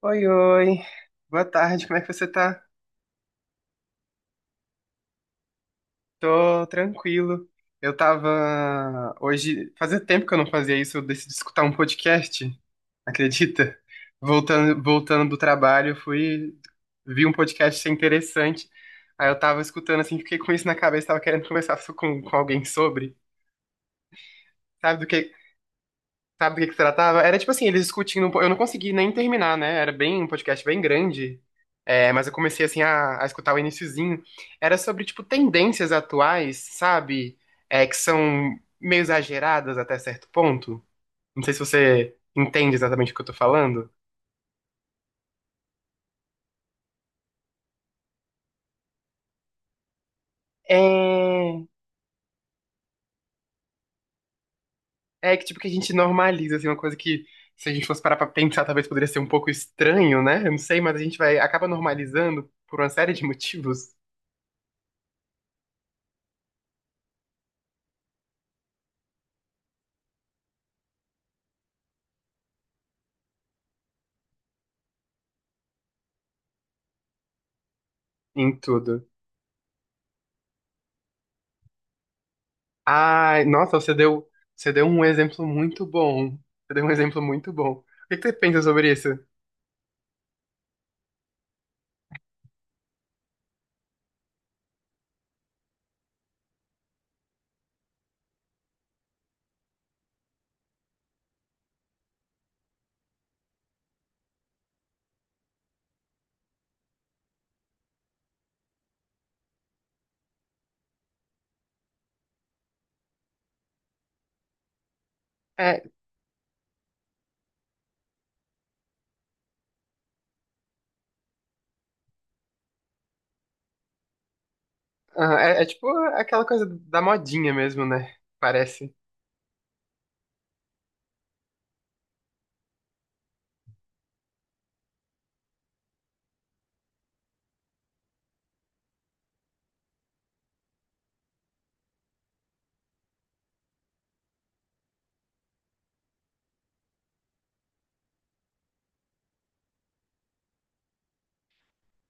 Oi, oi. Boa tarde, como é que você tá? Tô tranquilo. Eu tava hoje, fazia tempo que eu não fazia isso, eu decidi escutar um podcast, acredita? Voltando do trabalho, eu fui vi um podcast achei interessante. Aí eu tava escutando assim, fiquei com isso na cabeça, tava querendo conversar com alguém sobre, sabe, do que Sabe do que se tratava? Era tipo assim, eles discutindo. Eu não consegui nem terminar, né? Era bem um podcast bem grande. É, mas eu comecei assim a escutar o iniciozinho. Era sobre tipo tendências atuais, sabe? É, que são meio exageradas até certo ponto. Não sei se você entende exatamente o que eu tô falando. É, é que tipo que a gente normaliza assim uma coisa que se a gente fosse parar pra pensar talvez poderia ser um pouco estranho, né? Eu não sei, mas a gente vai acaba normalizando por uma série de motivos em tudo. Ai, nossa, você deu um exemplo muito bom. Você deu um exemplo muito bom. O que que você pensa sobre isso? É, aham, é, é tipo aquela coisa da modinha mesmo, né? Parece.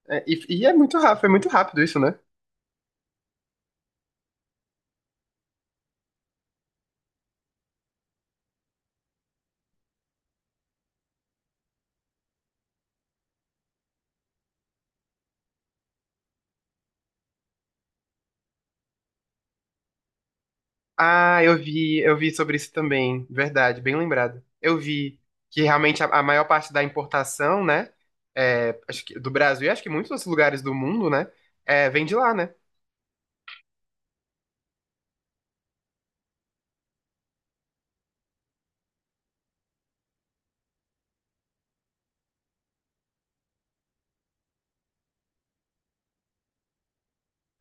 É, e é muito rápido isso, né? Ah, eu vi sobre isso também. Verdade, bem lembrado. Eu vi que realmente a maior parte da importação, né? É, acho que do Brasil e acho que muitos outros lugares do mundo, né? É, vem de lá, né?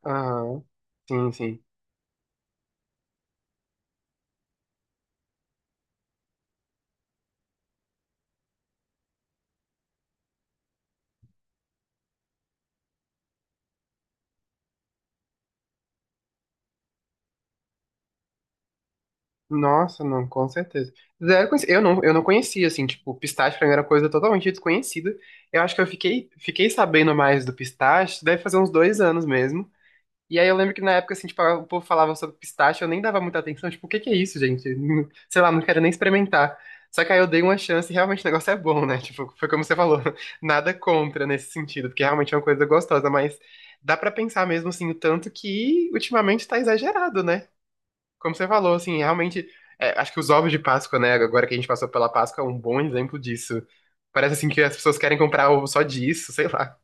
Aham. Sim, sim. Nossa, não, com certeza. Zero conheci- Eu não conhecia, assim, tipo, pistache pra mim era coisa totalmente desconhecida. Eu acho que fiquei sabendo mais do pistache, deve fazer uns 2 anos mesmo. E aí eu lembro que na época, assim, tipo, o povo falava sobre pistache, eu nem dava muita atenção, tipo, o que que é isso, gente? Sei lá, não quero nem experimentar. Só que aí eu dei uma chance e realmente o negócio é bom, né? Tipo, foi como você falou, nada contra nesse sentido, porque realmente é uma coisa gostosa, mas dá pra pensar mesmo, assim, o tanto que ultimamente tá exagerado, né? Como você falou, assim, realmente, é, acho que os ovos de Páscoa, né, agora que a gente passou pela Páscoa, é um bom exemplo disso. Parece assim que as pessoas querem comprar ovo só disso, sei lá.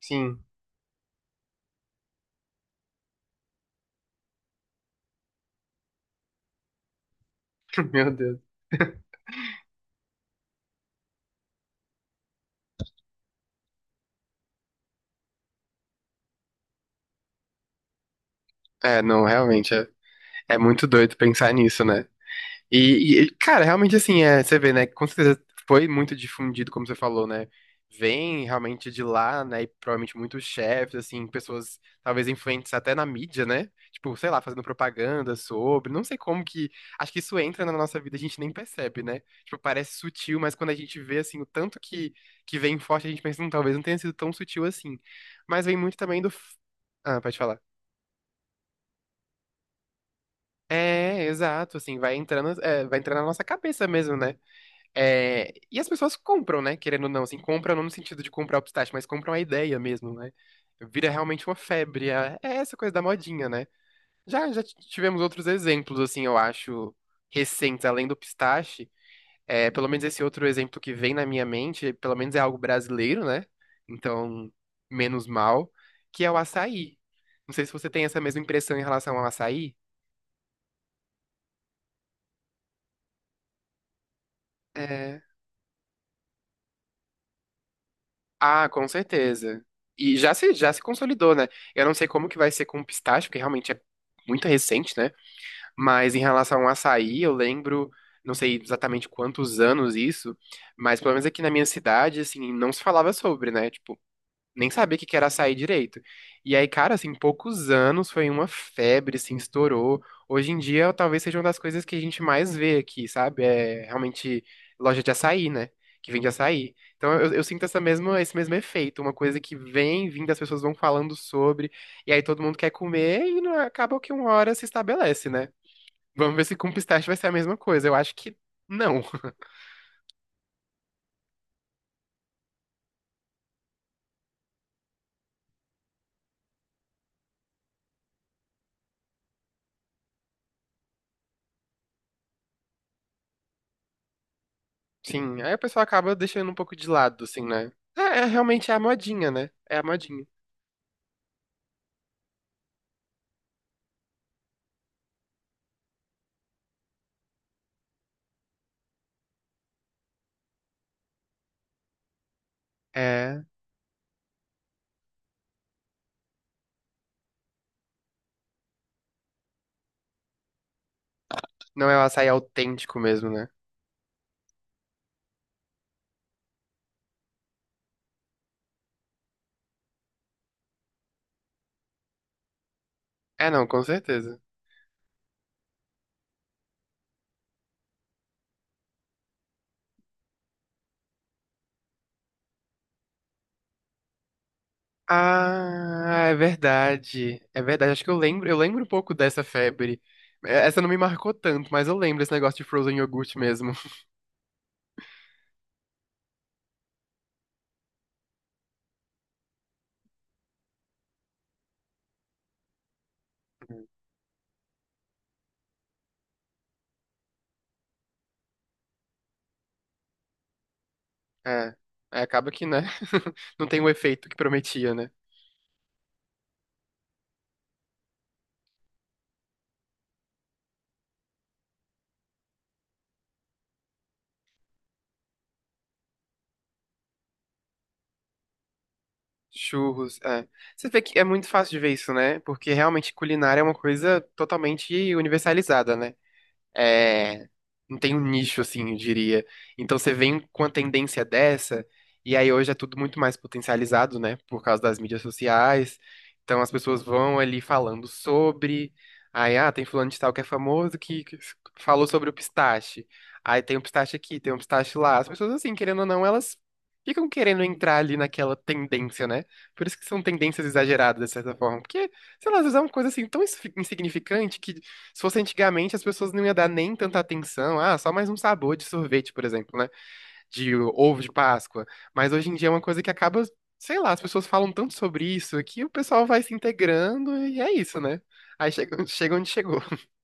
Sim. Meu Deus. É, não, realmente, é, é muito doido pensar nisso, né? E, cara, realmente assim, é, você vê, né? Com certeza foi muito difundido, como você falou, né? Vem realmente de lá, né? E provavelmente muitos chefes, assim, pessoas talvez influentes até na mídia, né? Tipo, sei lá, fazendo propaganda sobre. Não sei como que. Acho que isso entra na nossa vida, a gente nem percebe, né? Tipo, parece sutil, mas quando a gente vê, assim, o tanto que vem forte, a gente pensa, talvez não tenha sido tão sutil assim. Mas vem muito também do. F- Ah, pode falar. É, exato, assim, vai entrando, é, vai entrando na nossa cabeça mesmo, né? É, e as pessoas compram, né? Querendo ou não, assim, compram não no sentido de comprar o pistache, mas compram a ideia mesmo, né? Vira realmente uma febre. É é essa coisa da modinha, né? Tivemos outros exemplos, assim, eu acho, recentes, além do pistache. É, pelo menos esse outro exemplo que vem na minha mente, pelo menos é algo brasileiro, né? Então, menos mal, que é o açaí. Não sei se você tem essa mesma impressão em relação ao açaí. É, Ah, com certeza. E já se consolidou, né? Eu não sei como que vai ser com o pistache, porque realmente é muito recente, né? Mas em relação ao açaí, eu lembro, não sei exatamente quantos anos isso, mas pelo menos aqui na minha cidade, assim, não se falava sobre, né? Tipo, nem sabia o que que era açaí direito. E aí, cara, assim, em poucos anos foi uma febre, assim, estourou. Hoje em dia, talvez seja uma das coisas que a gente mais vê aqui, sabe? É realmente loja de açaí, né? Que vende açaí. Então eu sinto esse mesmo efeito, uma coisa que vem vindo, as pessoas vão falando sobre, e aí todo mundo quer comer e não, acaba que uma hora se estabelece, né? Vamos ver se com pistache vai ser a mesma coisa. Eu acho que não. Sim, aí a pessoa acaba deixando um pouco de lado, assim, né? É, é realmente é a modinha, né? É a modinha. É, não é o açaí autêntico mesmo, né? É, não, com certeza. Ah, é verdade. É verdade, acho que eu lembro um pouco dessa febre. É, essa não me marcou tanto, mas eu lembro esse negócio de frozen yogurt mesmo. Uhum. É, é, acaba que, né? Não tem o efeito que prometia, né? Churros, é. Você vê que é muito fácil de ver isso, né? Porque realmente culinária é uma coisa totalmente universalizada, né? É, não tem um nicho, assim, eu diria. Então você vem com a tendência dessa, e aí hoje é tudo muito mais potencializado, né? Por causa das mídias sociais. Então as pessoas vão ali falando sobre. Aí, ah, tem fulano de tal que é famoso que falou sobre o pistache. Aí tem um pistache aqui, tem um pistache lá. As pessoas, assim, querendo ou não, elas ficam querendo entrar ali naquela tendência, né? Por isso que são tendências exageradas, de certa forma. Porque, sei lá, às vezes é uma coisa assim tão insignificante que se fosse antigamente, as pessoas não iam dar nem tanta atenção. Ah, só mais um sabor de sorvete, por exemplo, né? De ovo de Páscoa. Mas hoje em dia é uma coisa que acaba, sei lá, as pessoas falam tanto sobre isso que o pessoal vai se integrando e é isso, né? Aí chega, chega onde chegou.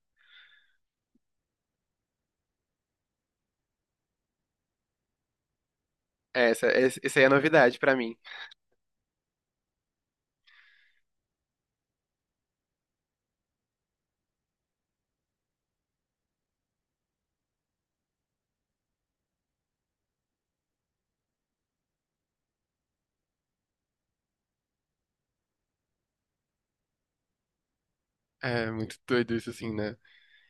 É, essa aí é a novidade pra mim. É muito doido isso, assim, né?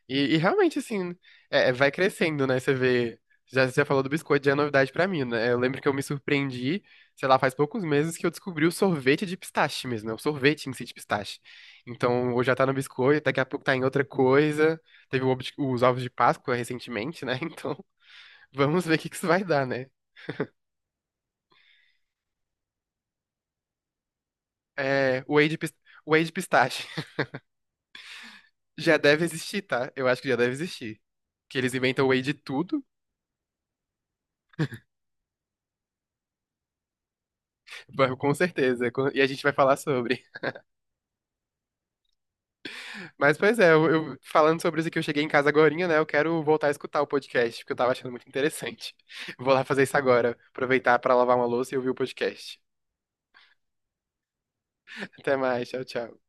E realmente, assim, é, é, vai crescendo, né? Você vê. Já, você já falou do biscoito, já é novidade pra mim, né? Eu lembro que eu me surpreendi, sei lá, faz poucos meses que eu descobri o sorvete de pistache mesmo, né? O sorvete em si de pistache. Então, hoje já tá no biscoito, daqui a pouco tá em outra coisa. Teve o os ovos de Páscoa recentemente, né? Então, vamos ver o que que isso vai dar, né? É, o whey de, pis- whey de pistache. Já deve existir, tá? Eu acho que já deve existir. Que eles inventam whey de tudo, com certeza. E a gente vai falar sobre. Mas, pois é, falando sobre isso aqui, eu cheguei em casa agorinha, né? Eu quero voltar a escutar o podcast, porque eu tava achando muito interessante. Vou lá fazer isso agora, aproveitar pra lavar uma louça e ouvir o podcast. Até mais, tchau, tchau.